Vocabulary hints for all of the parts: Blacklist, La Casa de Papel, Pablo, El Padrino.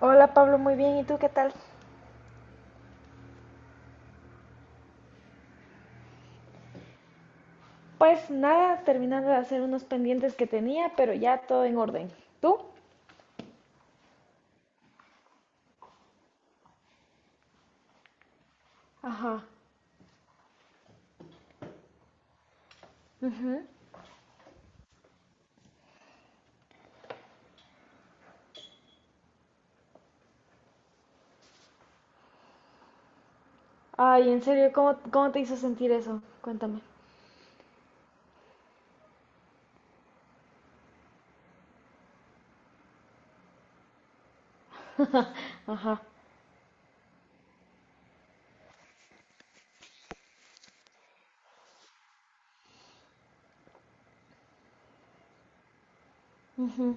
Hola Pablo, muy bien. ¿Y tú qué tal? Pues nada, terminando de hacer unos pendientes que tenía, pero ya todo en orden. ¿Tú? Ajá. Ujú. Ay, en serio, ¿cómo te hizo sentir eso? Cuéntame. Ajá. Ujú.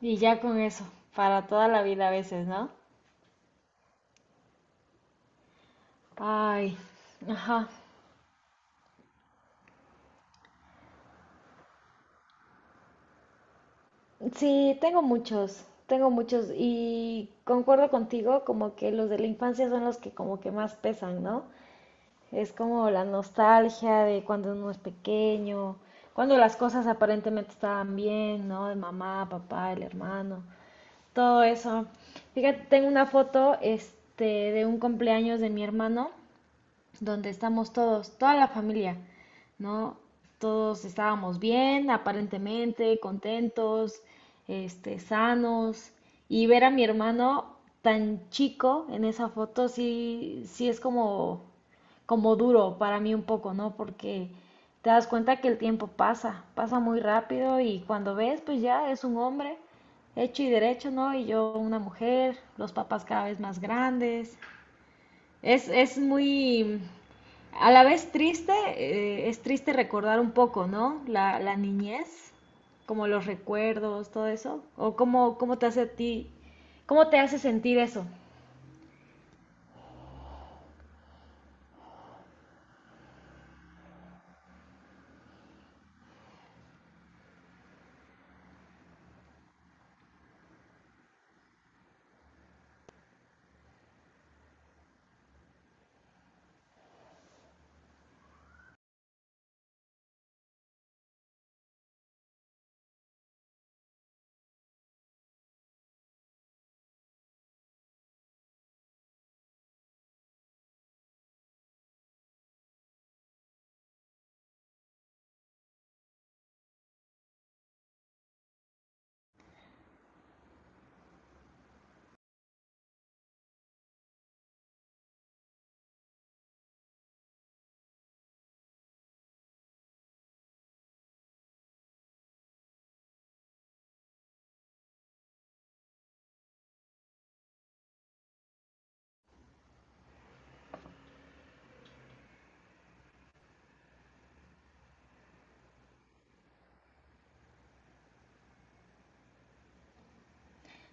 Y ya con eso, para toda la vida a veces, ¿no? Ay, ajá. Sí, tengo muchos y concuerdo contigo como que los de la infancia son los que como que más pesan, ¿no? Es como la nostalgia de cuando uno es pequeño, cuando las cosas aparentemente estaban bien, ¿no? De mamá, papá, el hermano, todo eso. Fíjate, tengo una foto, este, de un cumpleaños de mi hermano donde estamos todos, toda la familia, ¿no? Todos estábamos bien, aparentemente, contentos, este, sanos. Y ver a mi hermano tan chico en esa foto sí, sí es como, duro para mí un poco, ¿no? Porque te das cuenta que el tiempo pasa, pasa muy rápido y cuando ves, pues ya es un hombre hecho y derecho, ¿no? Y yo una mujer, los papás cada vez más grandes, es muy, a la vez triste, es triste recordar un poco, ¿no? La niñez, como los recuerdos, todo eso, o cómo te hace a ti, cómo te hace sentir eso.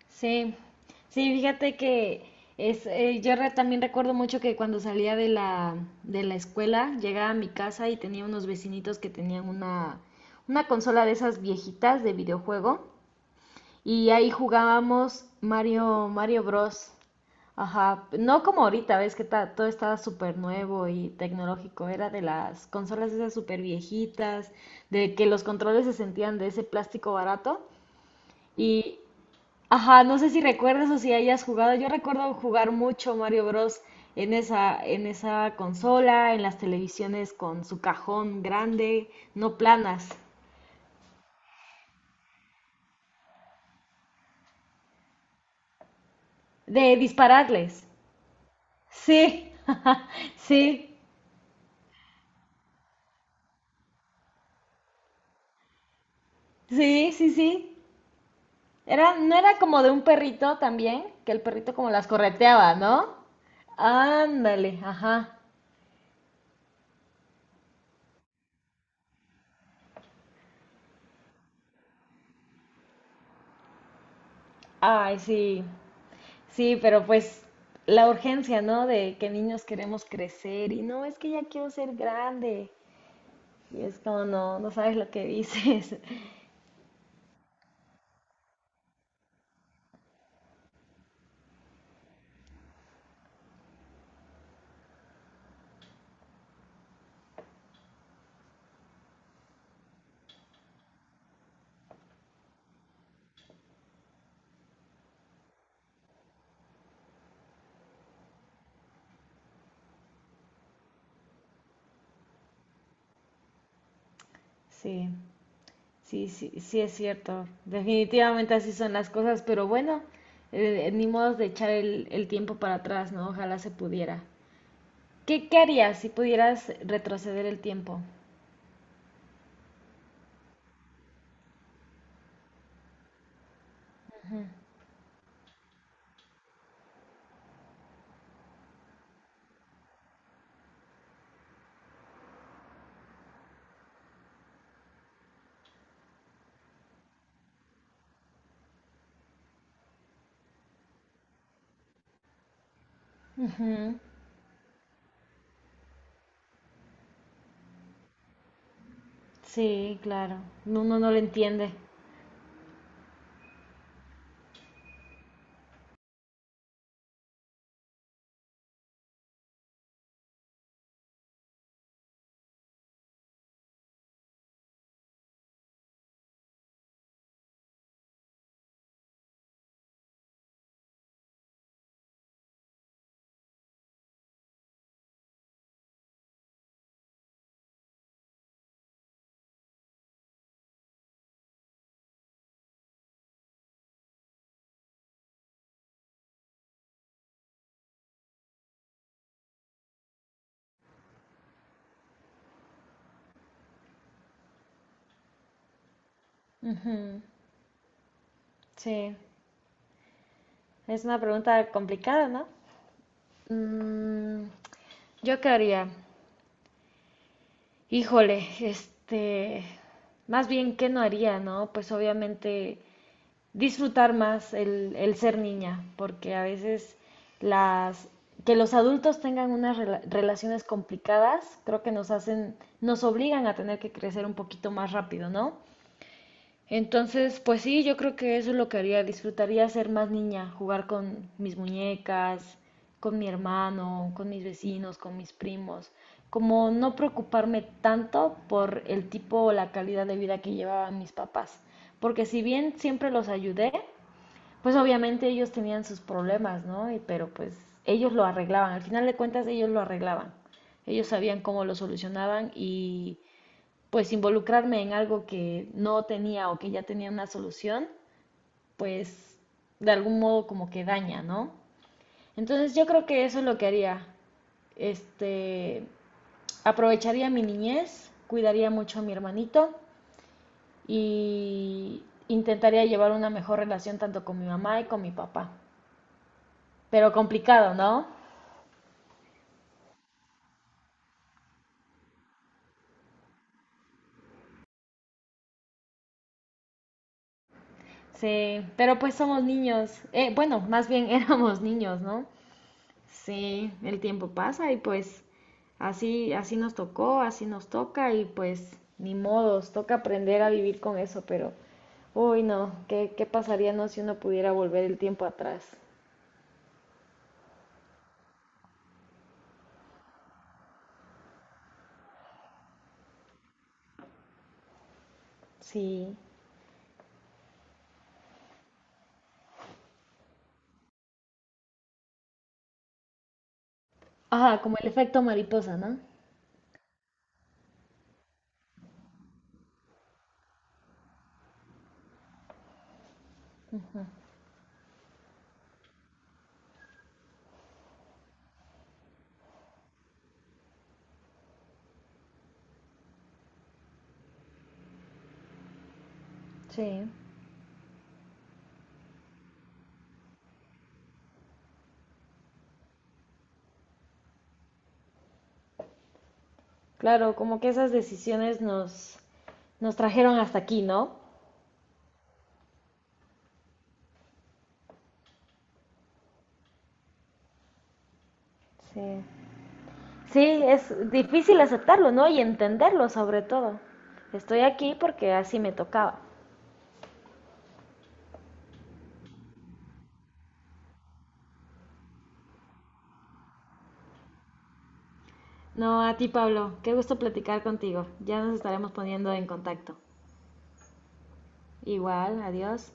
Sí, sí, fíjate que es, yo también recuerdo mucho que cuando salía de la, escuela, llegaba a mi casa y tenía unos vecinitos que tenían una, consola de esas viejitas de videojuego. Y ahí jugábamos Mario Bros. Ajá, no como ahorita, ves que todo estaba súper nuevo y tecnológico, era de las consolas esas súper viejitas, de que los controles se sentían de ese plástico barato. Y, ajá, no sé si recuerdas o si hayas jugado, yo recuerdo jugar mucho Mario Bros. en esa consola, en las televisiones con su cajón grande, no planas, de dispararles. Sí, sí. Sí, sí, sí. No era como de un perrito también, que el perrito como las correteaba, ¿no? Ándale, ajá. Ay, sí. Sí, pero pues la urgencia, ¿no? De que niños queremos crecer y no, es que ya quiero ser grande. Y es como, no, no sabes lo que dices. Sí, sí, sí, sí es cierto. Definitivamente así son las cosas, pero bueno, ni modo de echar el, tiempo para atrás, ¿no? Ojalá se pudiera. ¿Qué harías si pudieras retroceder el tiempo? Ujú. Sí, claro. Uno no lo entiende. Ujú. Sí. Es una pregunta complicada, ¿no? Mm, ¿Yo qué haría? Híjole, este, más bien, ¿qué no haría, no? Pues obviamente disfrutar más el ser niña, porque a veces las, que los adultos tengan unas relaciones complicadas, creo que nos hacen, nos obligan a tener que crecer un poquito más rápido, ¿no? Entonces, pues sí, yo creo que eso es lo que haría. Disfrutaría ser más niña, jugar con mis muñecas, con mi hermano, con mis vecinos, con mis primos. Como no preocuparme tanto por el tipo o la calidad de vida que llevaban mis papás. Porque si bien siempre los ayudé, pues obviamente ellos tenían sus problemas, ¿no? Pero pues ellos lo arreglaban. Al final de cuentas, ellos lo arreglaban. Ellos sabían cómo lo solucionaban y pues involucrarme en algo que no tenía o que ya tenía una solución, pues de algún modo como que daña, ¿no? Entonces yo creo que eso es lo que haría. Este, aprovecharía mi niñez, cuidaría mucho a mi hermanito y intentaría llevar una mejor relación tanto con mi mamá y con mi papá. Pero complicado, ¿no? Sí, pero pues somos niños. Bueno, más bien éramos niños, ¿no? Sí, el tiempo pasa y pues así nos tocó, así nos toca y pues ni modos, toca aprender a vivir con eso, pero uy no, ¿qué pasaría no si uno pudiera volver el tiempo atrás? Sí, ajá, como el efecto mariposa, ¿no? Sí. Claro, como que esas decisiones nos trajeron hasta aquí, ¿no? Sí. Sí, es difícil aceptarlo, ¿no? Y entenderlo sobre todo. Estoy aquí porque así me tocaba. No, a ti, Pablo. Qué gusto platicar contigo. Ya nos estaremos poniendo en contacto. Igual, adiós.